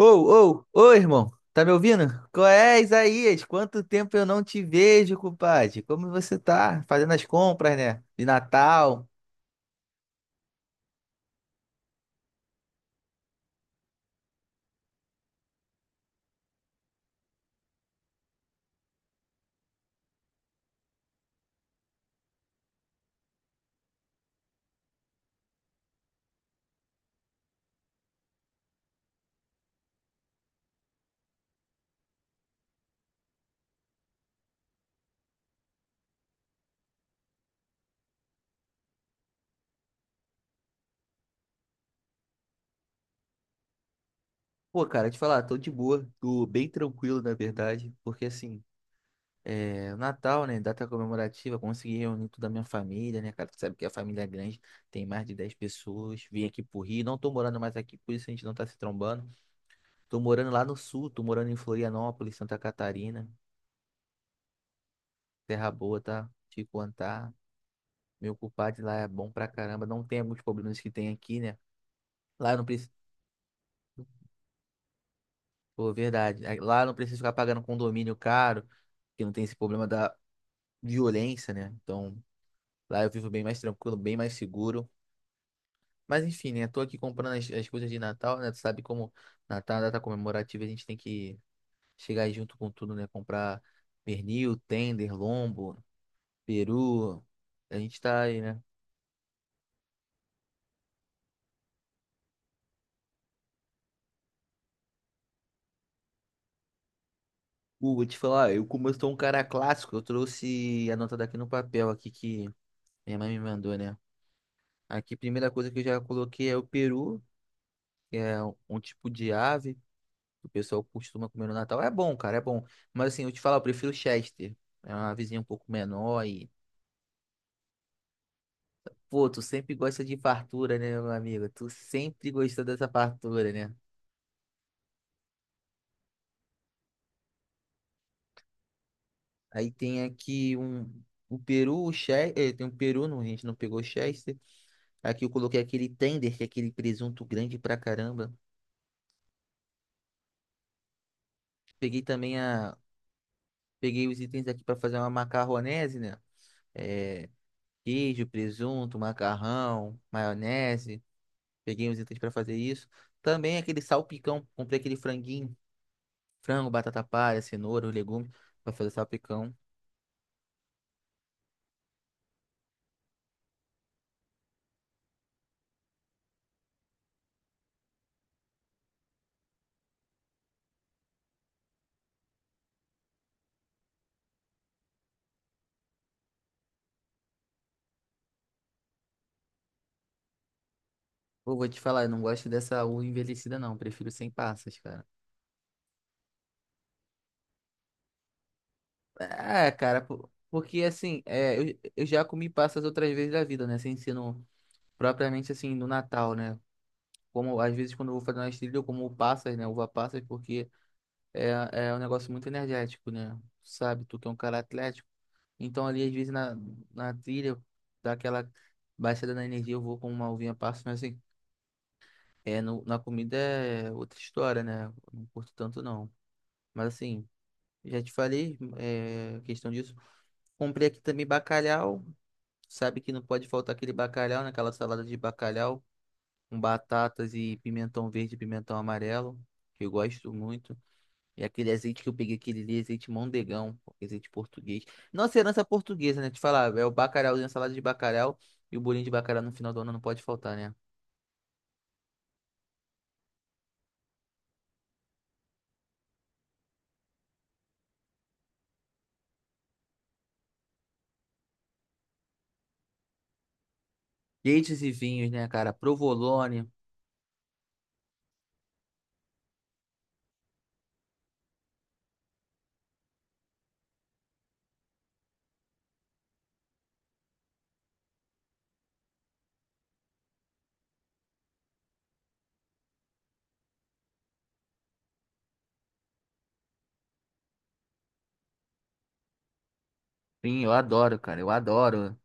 Ô, ô, ô, irmão, tá me ouvindo? Qual é, Isaías? Quanto tempo eu não te vejo, compadre? Como você tá? Fazendo as compras, né? De Natal. Pô, cara, te falar, tô de boa, tô bem tranquilo, na verdade, porque assim, o Natal, né, data comemorativa, consegui reunir toda a minha família, né, cara? Tu sabe que a família é grande, tem mais de 10 pessoas, vim aqui pro Rio, não tô morando mais aqui, por isso a gente não tá se trombando. Tô morando lá no sul, tô morando em Florianópolis, Santa Catarina, terra boa, tá? Te contar. Meu culpado lá é bom pra caramba. Não tem alguns problemas que tem aqui, né? Lá eu não preciso. Pô, verdade. Aí lá eu não preciso ficar pagando condomínio caro, que não tem esse problema da violência, né? Então, lá eu vivo bem mais tranquilo, bem mais seguro. Mas enfim, né? Tô aqui comprando as coisas de Natal, né? Tu sabe como Natal é uma data comemorativa, a gente tem que chegar aí junto com tudo, né? Comprar pernil, tender, lombo, peru. A gente tá aí, né? Vou te falar, eu como eu sou um cara clássico, eu trouxe a nota daqui no papel aqui que minha mãe me mandou, né? Aqui, primeira coisa que eu já coloquei é o peru, que é um tipo de ave que o pessoal costuma comer no Natal. É bom, cara, é bom. Mas assim, eu te falar, eu prefiro Chester. É uma avezinha um pouco menor e... Pô, tu sempre gosta de fartura, né, meu amigo? Tu sempre gostou dessa fartura, né? Aí tem aqui um... O peru, o Chester... Tem um peru, não, a gente não pegou Chester. Aqui eu coloquei aquele tender, que é aquele presunto grande pra caramba. Peguei também a... Peguei os itens aqui pra fazer uma macarronese, né? é, Queijo, presunto, macarrão, maionese. Peguei uns itens para fazer isso. Também aquele salpicão, comprei aquele franguinho, frango, batata palha, cenoura, os legumes para fazer salpicão. Pô, vou te falar, eu não gosto dessa uva envelhecida não, prefiro sem passas, cara. É, cara, porque assim, eu já comi passas outras vezes da vida, né? Sem ser no, propriamente assim no Natal, né? Como às vezes quando eu vou fazer uma trilha, eu como passas, né? Uva passas, porque é um negócio muito energético, né? Sabe, tu que é um cara atlético. Então ali, às vezes, na trilha, dá aquela baixada na energia, eu vou com uma uvinha passa, mas assim, é, no, na comida é outra história, né? Não curto tanto, não. Mas assim, já te falei, é, questão disso. Comprei aqui também bacalhau. Sabe que não pode faltar aquele bacalhau, naquela salada de bacalhau, com batatas e pimentão verde e pimentão amarelo, que eu gosto muito. E aquele azeite que eu peguei, aquele ali, azeite mondegão, pô, azeite português. Nossa herança é portuguesa, né? Te falar, é o bacalhauzinho, a salada de bacalhau e o bolinho de bacalhau no final do ano não pode faltar, né? Queijos e vinhos, né, cara? Provolone. Vinho, eu adoro, cara, eu adoro.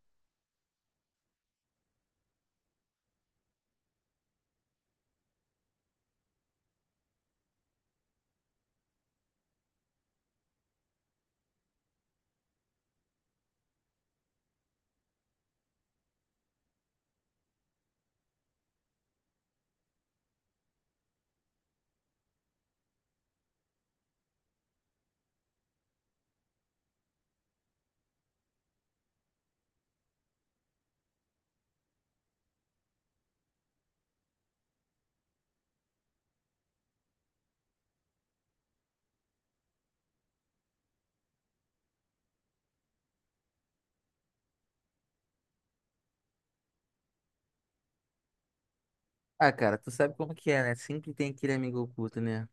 Ah, cara, tu sabe como que é, né? Sempre tem aquele amigo oculto, né?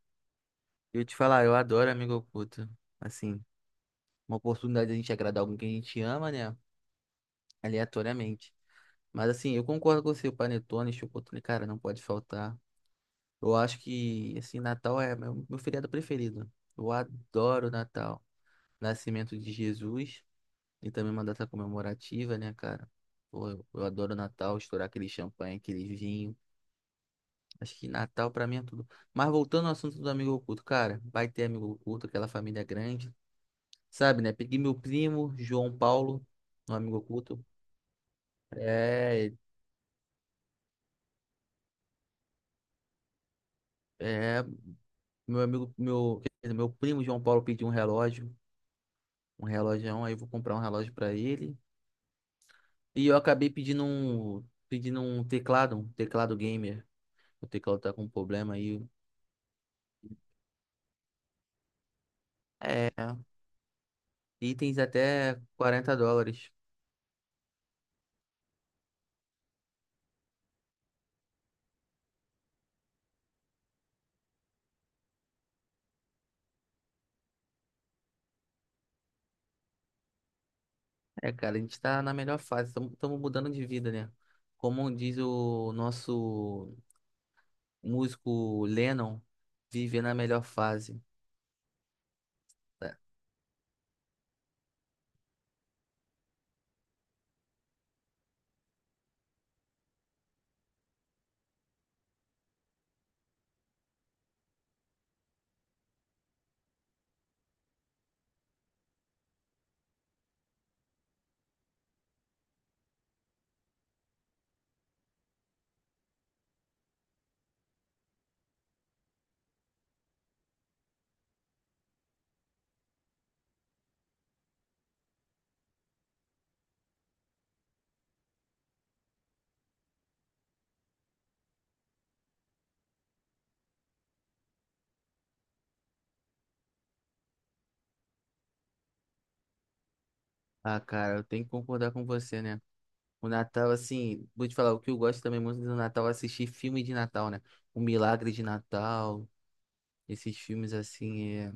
Eu te falar, eu adoro amigo oculto. Assim, uma oportunidade de a gente agradar alguém que a gente ama, né? Aleatoriamente. Mas assim, eu concordo com você, o panetone, chocotone, cara, não pode faltar. Eu acho que, assim, Natal é meu feriado preferido. Eu adoro Natal. Nascimento de Jesus e também uma data comemorativa, né, cara? Pô, eu adoro Natal, estourar aquele champanhe, aquele vinho. Acho que Natal pra mim é tudo. Mas voltando ao assunto do amigo oculto, cara, vai ter amigo oculto, aquela família grande, sabe, né? Peguei meu primo, João Paulo, um amigo oculto. É, é, Meu amigo, meu, quer dizer, meu primo João Paulo pediu um relógio, aí eu vou comprar um relógio pra ele. E eu acabei pedindo pedindo um teclado gamer. O teclado tá com problema aí. É, itens até US$ 40. É, cara, a gente tá na melhor fase, estamos mudando de vida, né? Como diz o nosso músico Lennon, viver na melhor fase. É. Ah, cara, eu tenho que concordar com você, né? O Natal, assim, vou te falar, o que eu gosto também muito do Natal é assistir filme de Natal, né? O Milagre de Natal, esses filmes assim,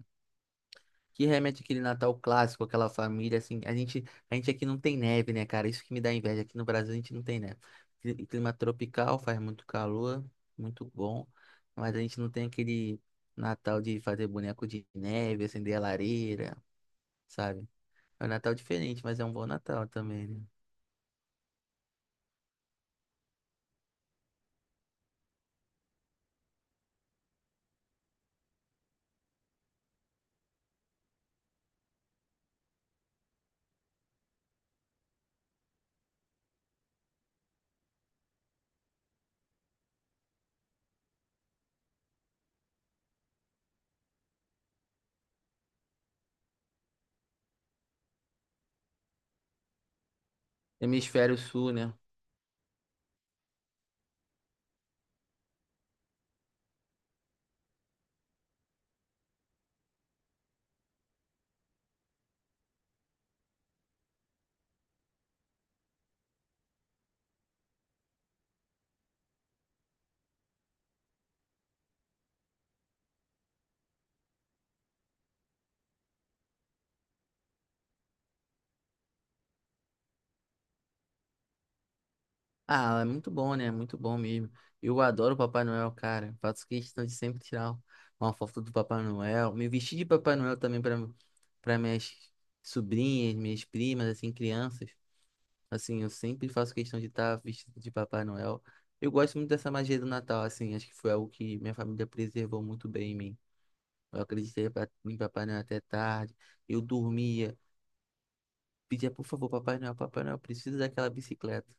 que remete aquele Natal clássico, aquela família, assim, a gente aqui não tem neve, né, cara? Isso que me dá inveja, aqui no Brasil a gente não tem neve. Clima tropical, faz muito calor, muito bom, mas a gente não tem aquele Natal de fazer boneco de neve, acender a lareira, sabe? É um Natal diferente, mas é um bom Natal também, né? Hemisfério Sul, né? Ah, é muito bom, né? Muito bom mesmo. Eu adoro o Papai Noel, cara. Faço questão de sempre tirar uma foto do Papai Noel. Me vestir de Papai Noel também para minhas sobrinhas, minhas primas, assim, crianças. Assim, eu sempre faço questão de estar vestido de Papai Noel. Eu gosto muito dessa magia do Natal, assim. Acho que foi algo que minha família preservou muito bem em mim. Eu acreditei em Papai Noel até tarde. Eu dormia, pedia, por favor, Papai Noel, Papai Noel, eu preciso daquela bicicleta.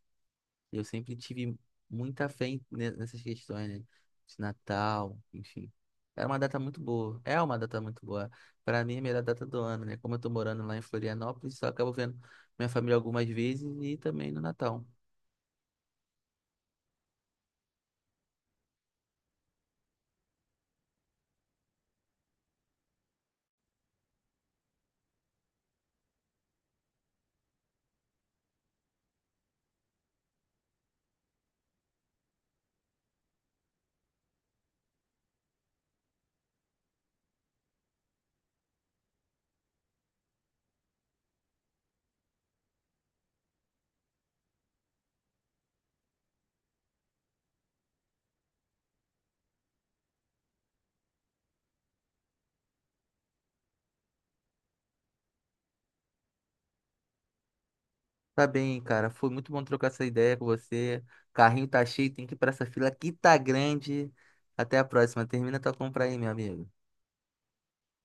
Eu sempre tive muita fé nessas questões, né? De Natal, enfim. Era uma data muito boa. É uma data muito boa. Para mim, é a melhor data do ano, né? Como eu tô morando lá em Florianópolis, só acabo vendo minha família algumas vezes e também no Natal. Tá bem, cara. Foi muito bom trocar essa ideia com você. Carrinho tá cheio, tem que ir pra essa fila que tá grande. Até a próxima. Termina tua compra aí, meu amigo.